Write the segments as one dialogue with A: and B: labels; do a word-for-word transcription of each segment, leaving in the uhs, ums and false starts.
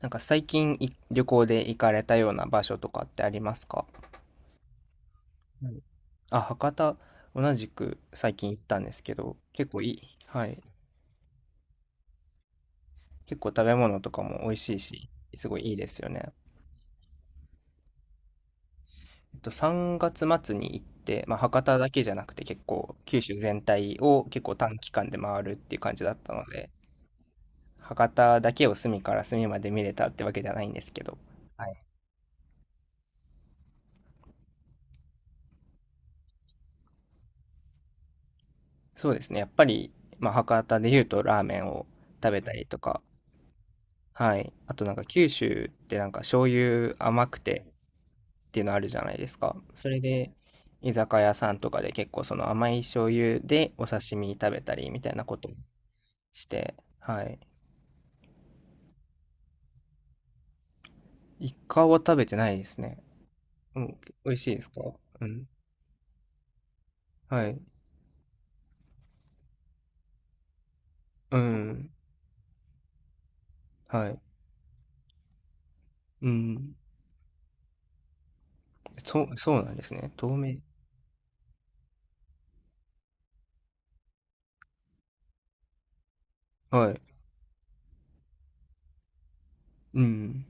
A: なんか最近い旅行で行かれたような場所とかってありますか？はい。あ、博多、同じく最近行ったんですけど、結構いい。はい。結構食べ物とかも美味しいし、すごいいいですよね。えっと、さんがつ末に行って、まあ、博多だけじゃなくて結構九州全体を結構短期間で回るっていう感じだったので、博多だけを隅から隅まで見れたってわけじゃないんですけど、はい。そうですね。やっぱり、まあ、博多で言うとラーメンを食べたりとか、はい。あとなんか九州ってなんか醤油甘くてっていうのあるじゃないですか。それで居酒屋さんとかで結構その甘い醤油でお刺身食べたりみたいなことして、はい。イカは食べてないですね。うん。美味しいですか？うん。はい。うん。はい。うん。そう、そうなんですね。透明。はい。うん。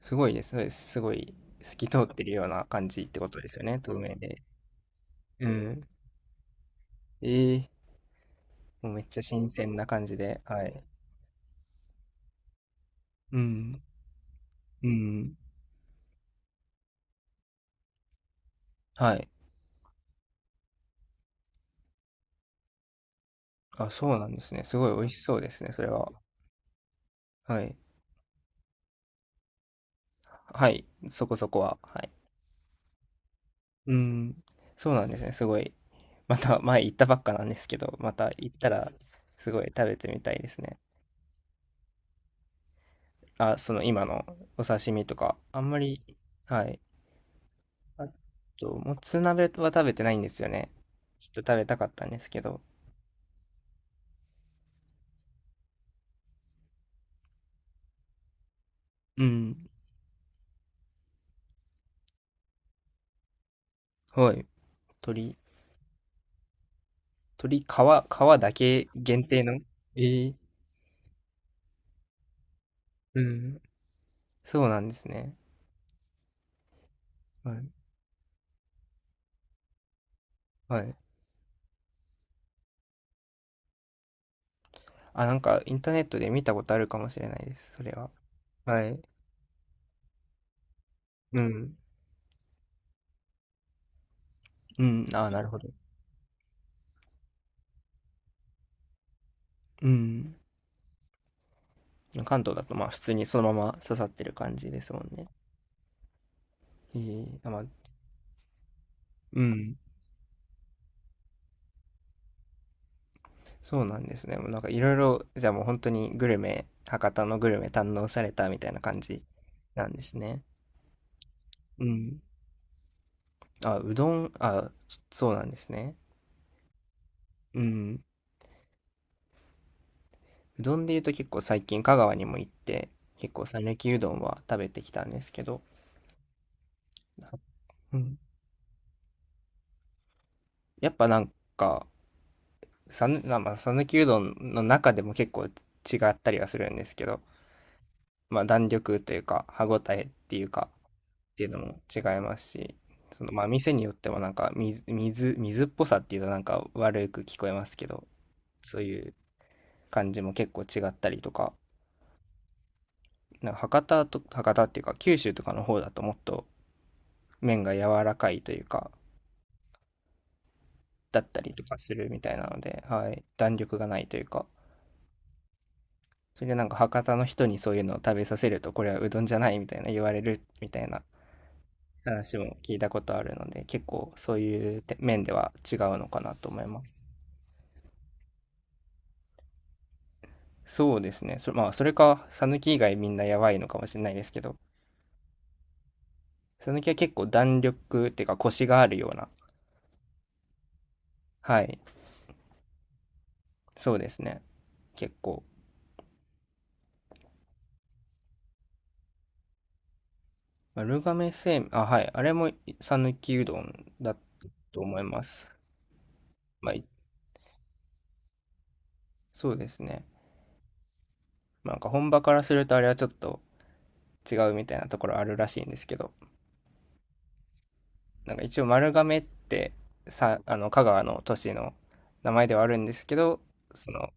A: すごいです。そうです。すごい透き通ってるような感じってことですよね。透明で。うん。ええ、もうめっちゃ新鮮な感じで、はい。ね。うん。うん。はい。あ、そうなんですね。すごい美味しそうですね、それは。はい。はい。そこそこは。はい。うん。そうなんですね。すごい。また前行ったばっかなんですけど、また行ったらすごい食べてみたいですね。あ、その今のお刺身とか、あんまり、はい。あと、もつ鍋は食べてないんですよね。ちょっと食べたかったんですけど。うん。はい。鶏鳥、皮、皮だけ限定の。えーうん。そうなんですね。はい。はい。あ、なんかインターネットで見たことあるかもしれないです、それは。はい。うん。うん、ああ、なるほど。うん。関東だと、まあ、普通にそのまま刺さってる感じですもんね。えーあ、まあ、うん、そうなんですね。もうなんかいろいろ、じゃあもう本当にグルメ博多のグルメ堪能されたみたいな感じなんですね。うん。あ、うどん、あ、そそうなんですね。うん。うどんで言うと結構最近香川にも行って、結構讃岐うどんは食べてきたんですけど、うん。やっぱなんか、さぬ、まあまあ讃岐うどんの中でも結構違ったりはするんですけど、まあ弾力というか歯ごたえっていうかっていうのも違いますし、そのまあ店によってもなんか水、水、水っぽさっていうとなんか悪く聞こえますけど、そういう感じも結構違ったりとか、なんか博多と、博多っていうか九州とかの方だともっと麺が柔らかいというか、だったりとかするみたいなので、はい、弾力がないというか、それでなんか博多の人にそういうのを食べさせると、これはうどんじゃないみたいな言われるみたいな話も聞いたことあるので、結構そういう面では違うのかなと思います。そうですね。それまあ、それか、ぬき以外みんなやばいのかもしれないですけど、さぬきは結構弾力っていうか、コシがあるような、はい、そうですね。結構。丸亀製麺、あ、はい、あれもさぬきうどんだったと思います。まあ、そうですね。まあなんか本場からするとあれはちょっと違うみたいなところあるらしいんですけど、なんか一応丸亀ってさ、あの香川の都市の名前ではあるんですけど、その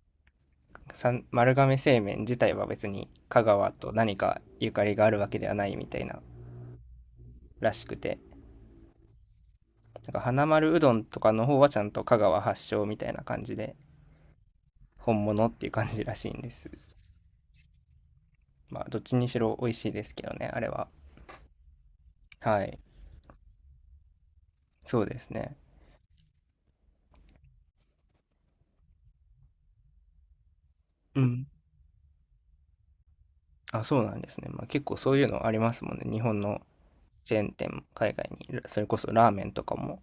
A: さん丸亀製麺自体は別に香川と何かゆかりがあるわけではないみたいならしくて、なんか花丸うどんとかの方はちゃんと香川発祥みたいな感じで本物っていう感じらしいんです。まあどっちにしろ美味しいですけどね、あれは。はい。そうですね。うん。あ、そうなんですね。まあ、結構そういうのありますもんね。日本のチェーン店も海外に、それこそラーメンとかも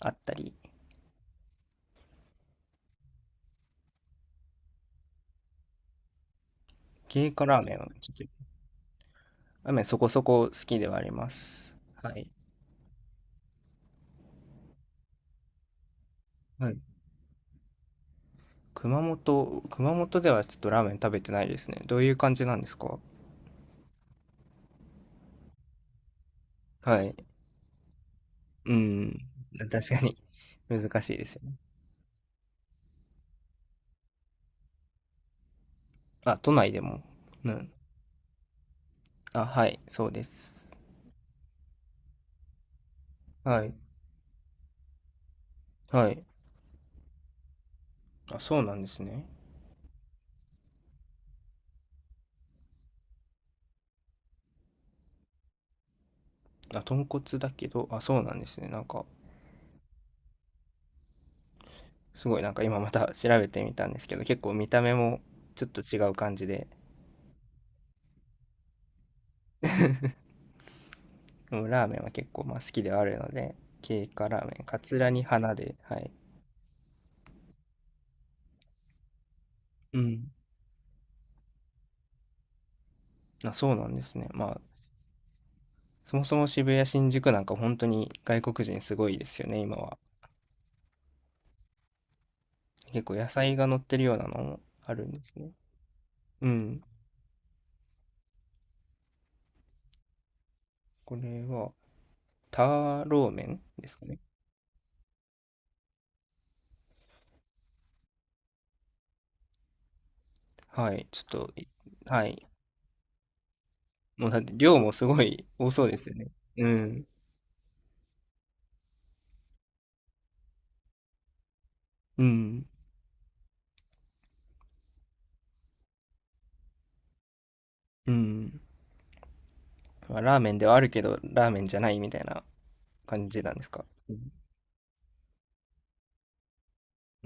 A: あったり、経過ラーメンはちょっと、ラーメンそこそこ好きではあります。はい。はい。熊本、熊本ではちょっとラーメン食べてないですね。どういう感じなんですか？はい。うん。確かに難しいですよね。あ、都内でも。うん。あ、はい、そうです。はい。はい。あ、そうなんですね。あ、豚骨だけど、あ、そうなんですね。なんか、すごいなんか今また調べてみたんですけど、結構見た目もちょっと違う感じで、うん。ラーメンは結構まあ好きではあるので、経過ラーメン、カツラに花で、はい。うん。あ、そうなんですね。まあ、そもそも渋谷、新宿なんか本当に外国人すごいですよね、今は。結構野菜が乗ってるようなのもあるんですね。うん。これは、ターローメンですかね。はい。ちょっと、いはい。もうだって量もすごい多そうですよね。うん。うん。うん。まあラーメンではあるけど、ラーメンじゃないみたいな感じなんですか。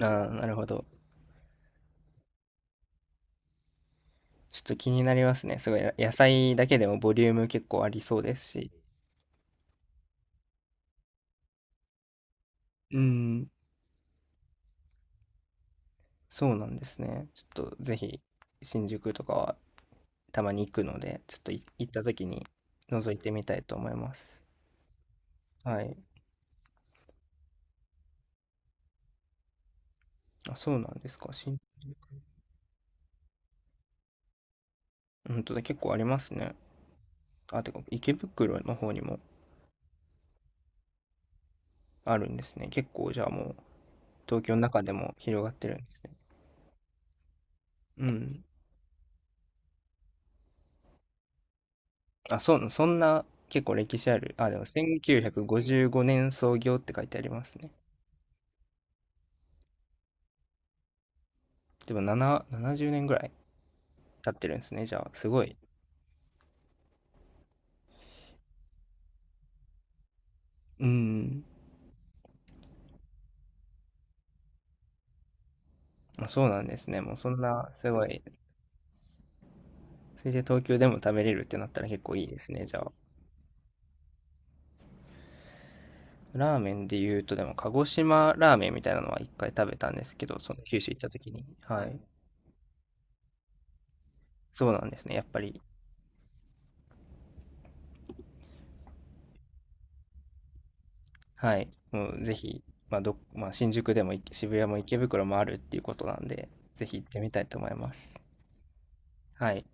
A: ああー、なるほど。ちょっと気になりますね。すごい、野菜だけでもボリューム結構ありそうですし。うん、そうなんですね。ちょっとぜひ、新宿とかはたまに行くので、ちょっとい行った時に覗いてみたいと思います。はい。あ、そうなんですか。しん、本当だ、結構ありますね。あ、てか、池袋の方にもあるんですね。結構、じゃあもう、東京の中でも広がってるんですね。うん。あ、そ、そんな結構歴史ある。あ、でもせんきゅうひゃくごじゅうごねん創業って書いてありますね。でも7、ななじゅうねんぐらい経ってるんですね。じゃあ、すごい。うん。まあそうなんですね。もうそんな、すごい。それで東京でも食べれるってなったら結構いいですね。じゃあ。ラーメンで言うと、でも鹿児島ラーメンみたいなのは一回食べたんですけど、その九州行った時に。はい。そうなんですね。やっぱり。はい。もうぜひ、まあどっ、まあ新宿でもい渋谷も池袋もあるっていうことなんで、ぜひ行ってみたいと思います。はい。